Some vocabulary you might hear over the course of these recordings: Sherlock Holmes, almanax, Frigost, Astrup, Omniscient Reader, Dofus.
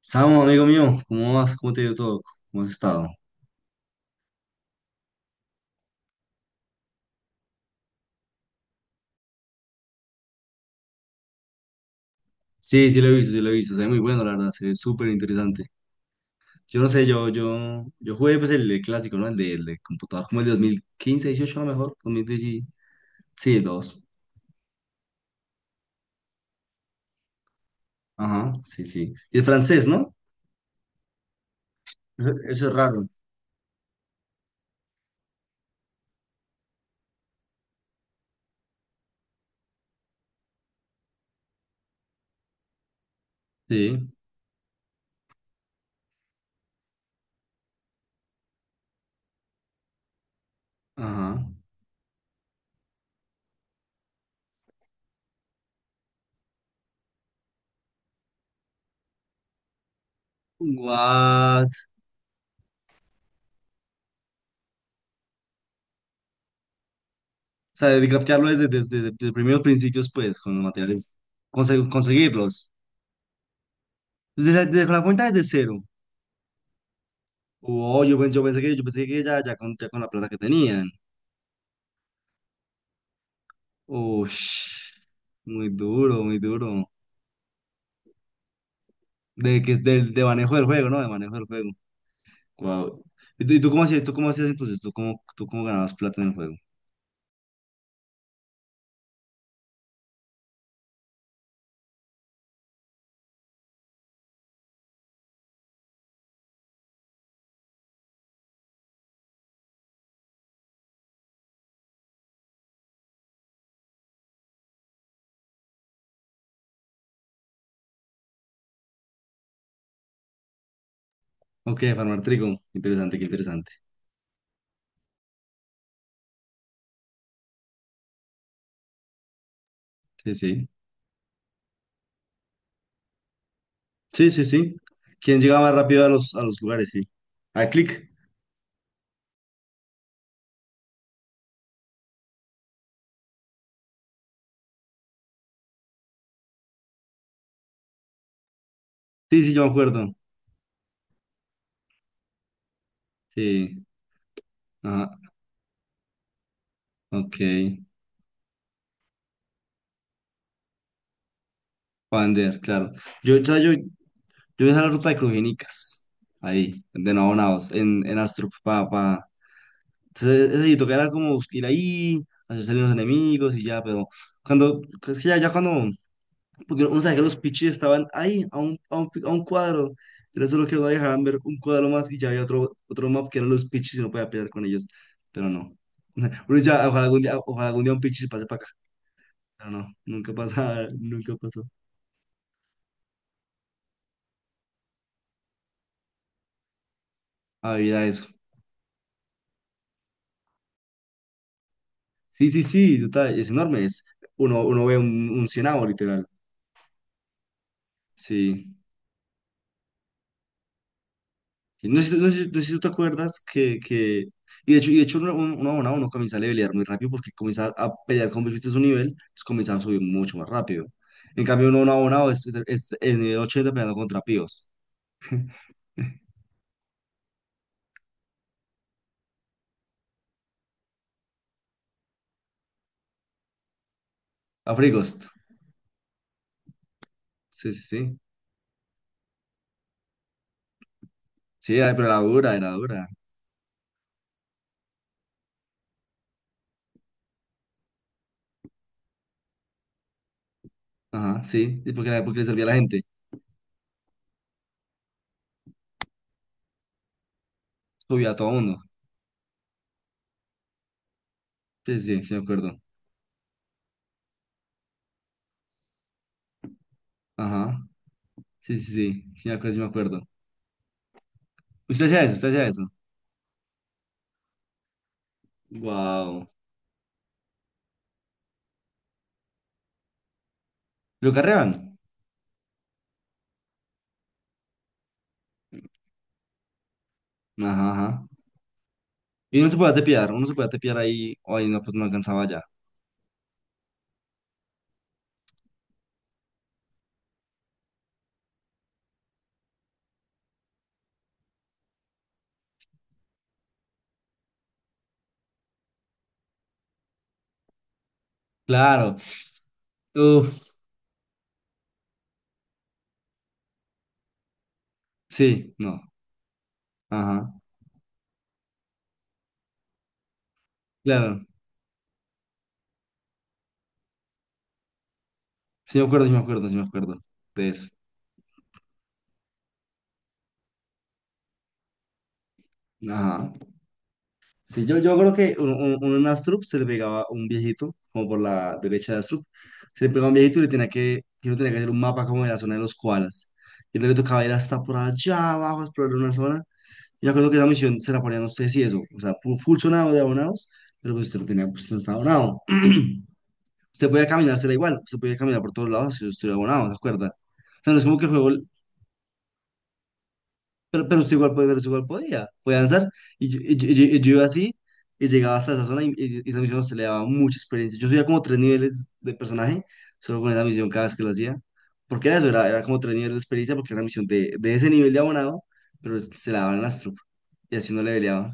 Samo, amigo mío, ¿cómo vas? ¿Cómo te ha ido todo? ¿Cómo has estado? Sí, sí lo he visto, sí lo he visto. Se ve muy bueno, la verdad, se ve súper interesante. Yo no sé, yo jugué, pues, el clásico, ¿no? El de computador, como el de 2015, 18 a lo mejor, 2016. Sí, el 2. Ajá, sí, sí. Y el francés, ¿no? Eso es raro. Sí, ajá. What? O sea, de craftearlo desde primeros principios, pues, con los materiales. Conseguirlos. Desde la cuenta desde cero. Oh, yo pensé que ya, ya con la plata que tenían. Ush, muy duro, muy duro. De manejo del juego, ¿no? De manejo del juego. Wow. ¿Y tú cómo hacías, entonces? ¿Tú cómo ganabas plata en el juego? Ok, farmar trigo. Interesante, qué interesante. Sí, sí. Sí, sí, sí. ¿Quién llegaba más rápido a los lugares? Sí. Al clic. Sí, sí, yo me acuerdo. Sí. Ajá. Ok. Pander, claro. Yo, o sea, yo hice la ruta de Crujenicas, ahí, de Nabonados, en Astrup, pa, pa. Entonces, ese sitio que era como ir ahí, hacer salir los enemigos y ya. Pero cuando, es que ya, cuando, porque uno sabe que los pichis estaban ahí, a un cuadro, era solo que no dejaran ver un cuadro más y ya había otro map que eran los pichis y no podía pelear con ellos, pero no. Uno dice: "Ah, ojalá algún día un pichis pase para acá", pero no, nunca pasa, nunca pasó. Había eso. Sí, sí, sí, total, es enorme, es, uno ve un cienavo, literal, sí. Y no sé si tú te acuerdas que, y de hecho, un abonado no comienza a levelear muy rápido porque comienza a pelear con bichitos de su nivel, entonces comienza a subir mucho más rápido. En cambio, un abonado es, en el 80 peleando contra píos, a Frigost, sí, sí, sí, sí, ay, pero era dura, ajá, sí. Y porque le servía a la gente, subía a todo mundo, sí, sí, sí, sí me acuerdo, ajá, sí, sí, sí, sí me acuerdo, sí me acuerdo. ¿Usted hacía eso? ¿Usted hacía eso? Wow. ¿Lo carrean? Ajá, ajá. Y uno se podía tepear, uno se podía tepear ahí. Ay, no, pues no alcanzaba ya. Claro. Uf, sí, no. Ajá. Claro. Sí me acuerdo, sí me acuerdo, sí me acuerdo de eso. Ajá. Sí, yo creo que un en Astrup se le pegaba un viejito, como por la derecha de Astrup. Se le pegaba un viejito y y uno tenía que hacer un mapa como de la zona de los koalas. Y entonces le tocaba ir hasta por allá abajo a explorar una zona. Yo creo que esa misión se la ponían a ustedes y eso, o sea, full sonado de abonados, pero pues usted no tenía, pues no estaba abonado. Usted podía caminársela igual, usted podía caminar por todos lados si usted era abonado, ¿se acuerda? O sea, no es como que el juego, pero, usted igual podía, podía avanzar. Y yo iba así y llegaba hasta esa zona, y esa misión se le daba mucha experiencia. Yo subía como tres niveles de personaje solo con esa misión cada vez que la hacía, porque era eso, era como tres niveles de experiencia, porque era una misión de, ese nivel de abonado, pero se la daban las tropas y así no le peleaba.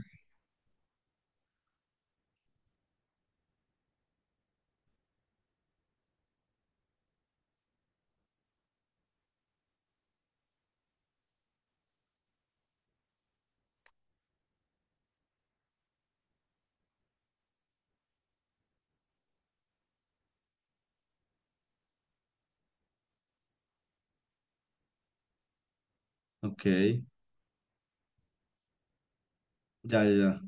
Ok, ya, ya, ya.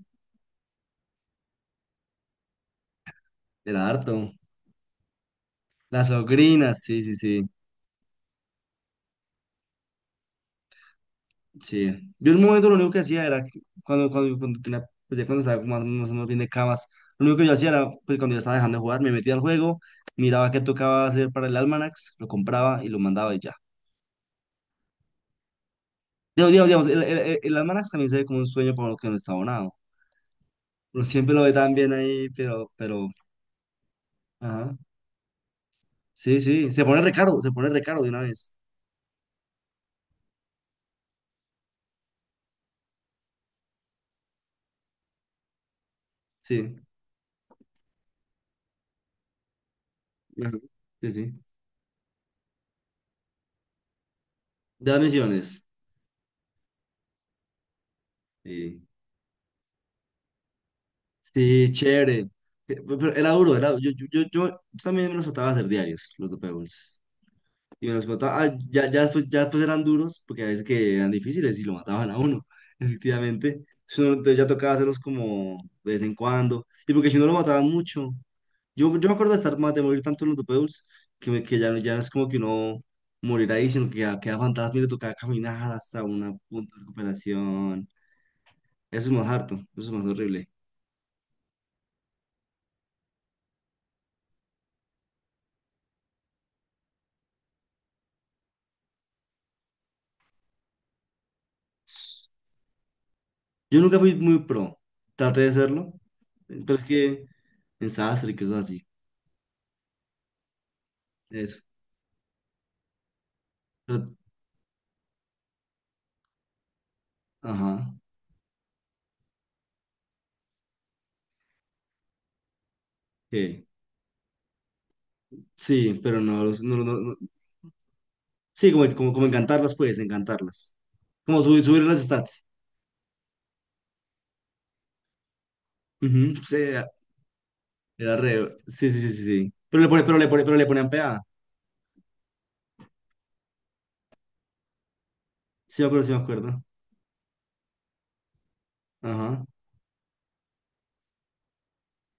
Era harto. Las sobrinas, sí, sí, sí, sí. Yo en un momento lo único que hacía era que cuando, cuando tenía, pues ya cuando estaba más, más o menos bien de camas, lo único que yo hacía era, pues cuando ya estaba dejando de jugar, me metía al juego, miraba qué tocaba hacer para el almanax, lo compraba y lo mandaba y ya. Digamos, el almanax también se ve como un sueño para uno que no está abonado. Uno siempre lo ve tan bien ahí, pero, ajá. Sí, sí, se pone recaro de una vez. Sí, ajá, sí, sí. De las misiones. Sí. Sí, chévere. Pero era duro, yo también me los trataba de hacer diarios, los dope bowls. Y me los trataba, ah, ya, después, después eran duros, porque a veces que eran difíciles y lo mataban a uno, efectivamente. Entonces, entonces ya tocaba hacerlos como de vez en cuando. Y porque si no lo mataban mucho. Yo me acuerdo de estar de morir tanto en los dope bowls, que, me- que ya, no- ya no es como que uno morir ahí, sino que ya queda fantasma y le tocaba caminar hasta un punto de recuperación. Eso es más harto, eso es más horrible. Yo nunca fui muy pro. Traté de serlo, pero es que en sastre y cosas así. Eso. Pero- ajá. Ok. Sí, pero no, no. Sí, como, como encantarlas, pues, encantarlas. Como subir las stats. Ujú, sí, era re. Sí, sí, sí, sí, sí. Pero le ponían PA. Sí, me acuerdo, sí, me acuerdo. Ajá.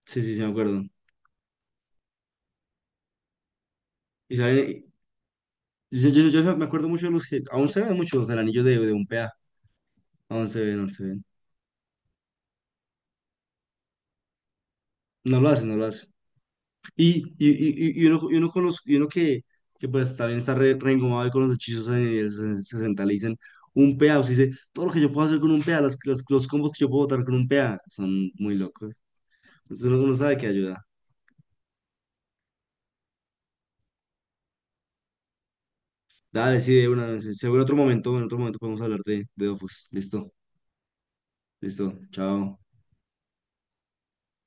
Sí, sí, sí, me acuerdo. Y saben, yo me acuerdo mucho de los que. Aún se ven mucho los anillos de, un PA. Aún se ven, aún se ven. No lo hacen, no lo hacen. Y uno, conoz- y uno que pues también está re, reengomado ahí con los hechizos en el 60, le dicen un PA, o sea, dice, todo lo que yo puedo hacer con un PA, los combos que yo puedo botar con un PA, son muy locos. Entonces uno sabe que ayuda. Dale, sí, de una, seguro en otro momento, podemos hablar de, Dofus. Listo, listo, chao.